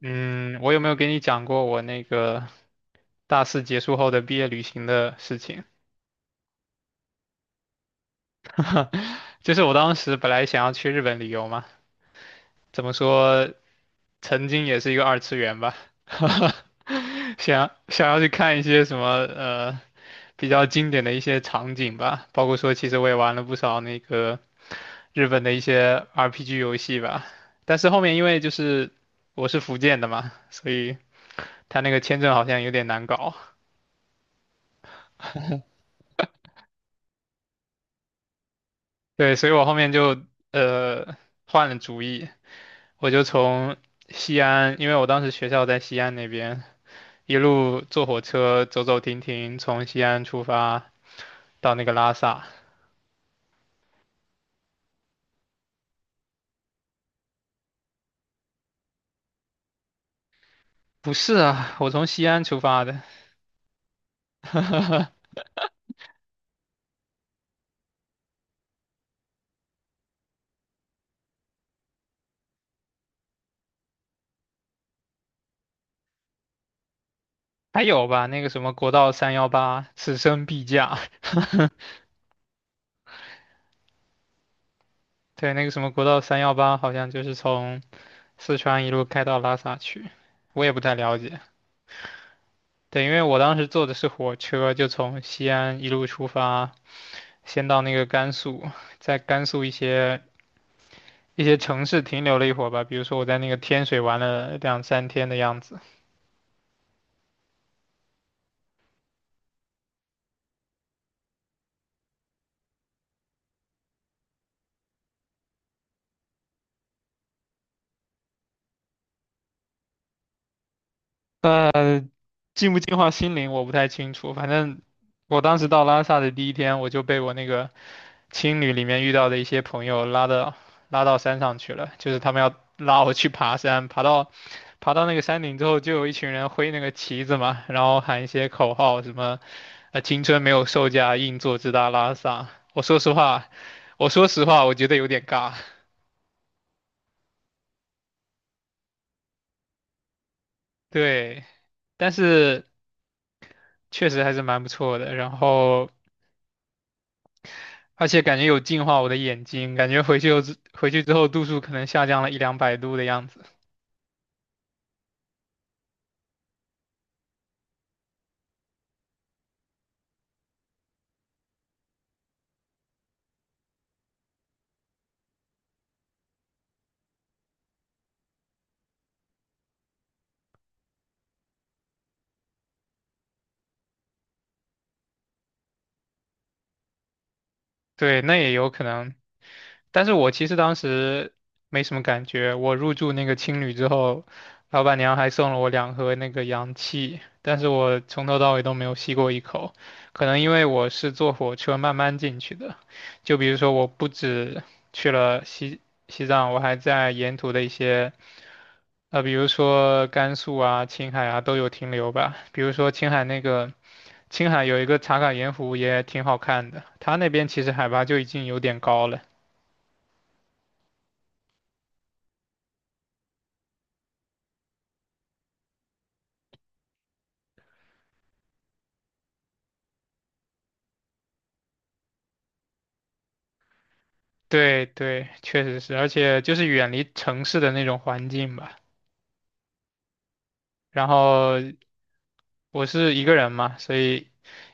嗯，我有没有给你讲过我那个大四结束后的毕业旅行的事情？就是我当时本来想要去日本旅游嘛，怎么说，曾经也是一个二次元吧，想要去看一些什么比较经典的一些场景吧，包括说其实我也玩了不少那个日本的一些 RPG 游戏吧，但是后面因为就是我是福建的嘛，所以他那个签证好像有点难搞。对，所以我后面就呃换了主意，我就从西安，因为我当时学校在西安那边，一路坐火车走走停停，从西安出发到那个拉萨。不是啊，我从西安出发的，还有吧，那个什么国道三幺八，此生必驾。对，那个什么国道三幺八，好像就是从四川一路开到拉萨去，我也不太了解。对，因为我当时坐的是火车，就从西安一路出发。先到那个甘肃，在甘肃一些城市停留了一会儿吧，比如说我在那个天水玩了两三天的样子。呃，净不净化心灵我不太清楚，反正我当时到拉萨的第一天，我就被我那个青旅里面遇到的一些朋友拉到山上去了，就是他们要拉我去爬山，爬到那个山顶之后，就有一群人挥那个旗子嘛，然后喊一些口号，什么青春没有售价，硬座直达拉萨。我说实话，我说实话，我觉得有点尬，对，但是确实还是蛮不错的，然后。而且感觉有净化我的眼睛，感觉回去之后度数可能下降了一两百度的样子。对，那也有可能。但是我其实当时没什么感觉，我入住那个青旅之后，老板娘还送了我两盒那个氧气，但是我从头到尾都没有吸过一口，可能因为我是坐火车慢慢进去的，就比如说我不止去了西藏，我还在沿途的一些。呃，比如说甘肃啊、青海啊都有停留吧。比如说青海那个，青海有一个茶卡盐湖也挺好看的，它那边其实海拔就已经有点高了。对对，确实是，而且就是远离城市的那种环境吧。然后我是一个人嘛，所以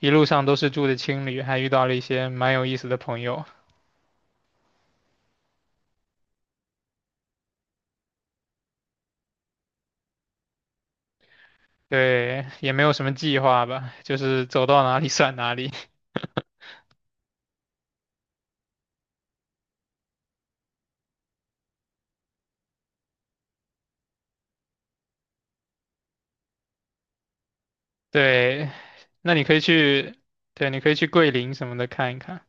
一路上都是住的青旅，还遇到了一些蛮有意思的朋友。对，也没有什么计划吧，就是走到哪里 算哪里。对，那你可以去，对，你可以去桂林什么的看一看。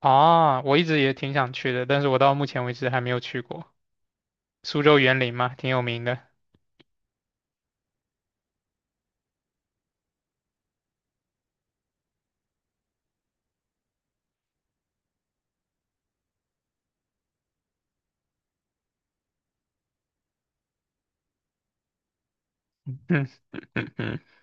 啊，我一直也挺想去的，但是我到目前为止还没有去过。苏州园林嘛，挺有名的。嗯嗯嗯，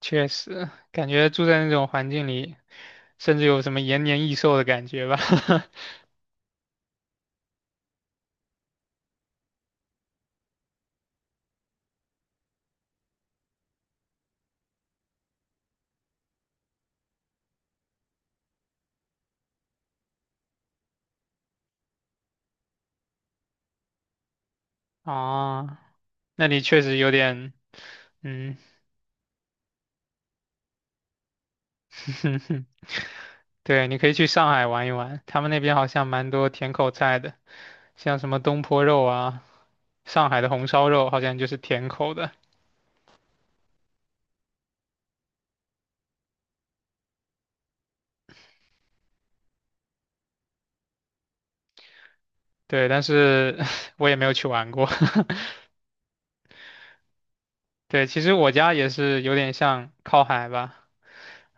确实，感觉住在那种环境里。甚至有什么延年益寿的感觉吧。啊，那里确实有点，嗯，对，你可以去上海玩一玩，他们那边好像蛮多甜口菜的，像什么东坡肉啊，上海的红烧肉好像就是甜口的。对，但是 我也没有去玩过。对，其实我家也是有点像靠海吧，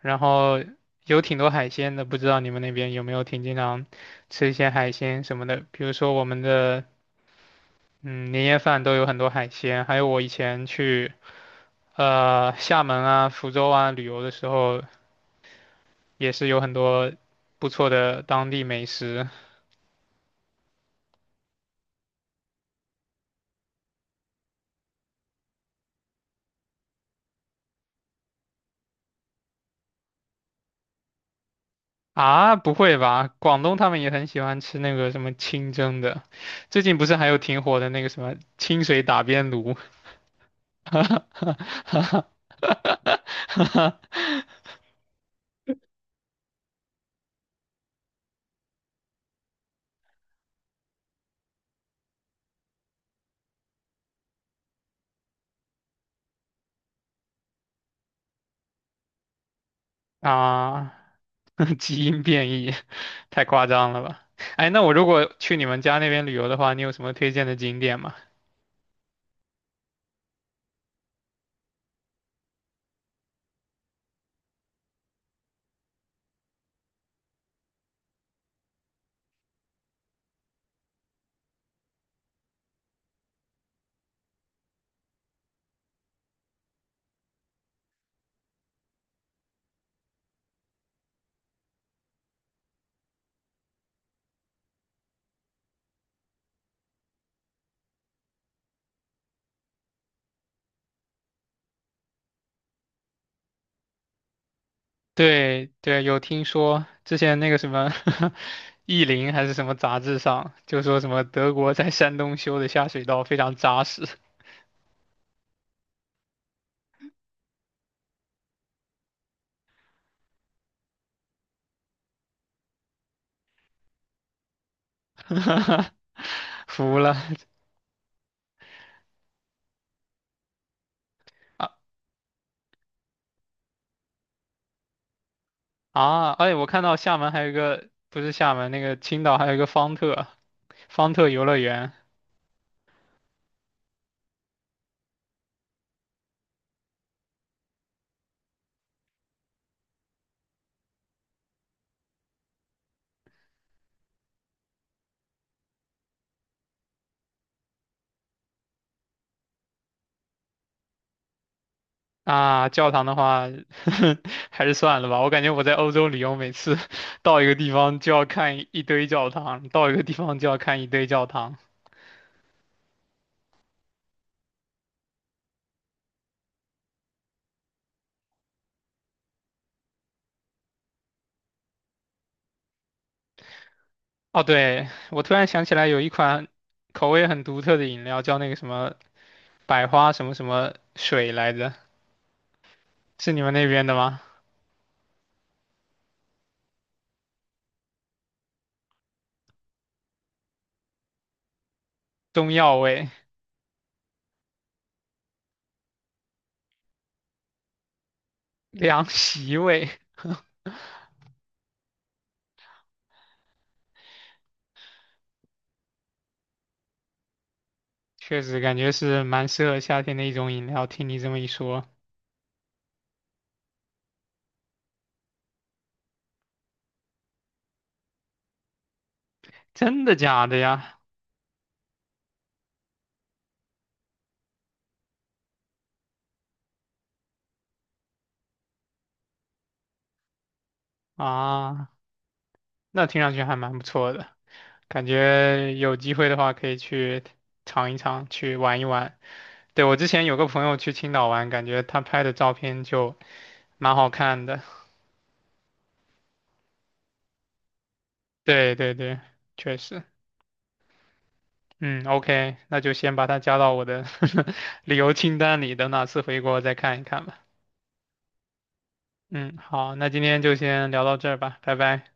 然后有挺多海鲜的，不知道你们那边有没有挺经常吃一些海鲜什么的，比如说我们的嗯，年夜饭都有很多海鲜，还有我以前去厦门啊、福州啊旅游的时候，也是有很多不错的当地美食啊。不会吧？广东他们也很喜欢吃那个什么清蒸的，最近不是还有挺火的那个什么清水打边炉 啊？基因变异，太夸张了吧？哎，那我如果去你们家那边旅游的话，你有什么推荐的景点吗？对对，有听说之前那个什么 《意林》还是什么杂志上，就说什么德国在山东修的下水道非常扎实，服了啊啊！哎，我看到厦门还有一个，不是厦门那个青岛还有一个方特方特游乐园啊，教堂的话 还是算了吧，我感觉我在欧洲旅游，每次 到一个地方就要看一堆教堂，到一个地方就要看一堆教堂。哦，对，我突然想起来有一款口味很独特的饮料，叫那个什么百花什么什么水来着，是你们那边的吗？中药味、凉席味，确实感觉是蛮适合夏天的一种饮料。听你这么一说，真的假的呀？啊，那听上去还蛮不错的，感觉有机会的话可以去尝一尝，去玩一玩。对，我之前有个朋友去青岛玩，感觉他拍的照片就蛮好看的。对对对，确实，嗯，OK，那就先把它加到我的 旅游清单里，等哪次回国再看一看吧。嗯，好，那今天就先聊到这儿吧，拜拜。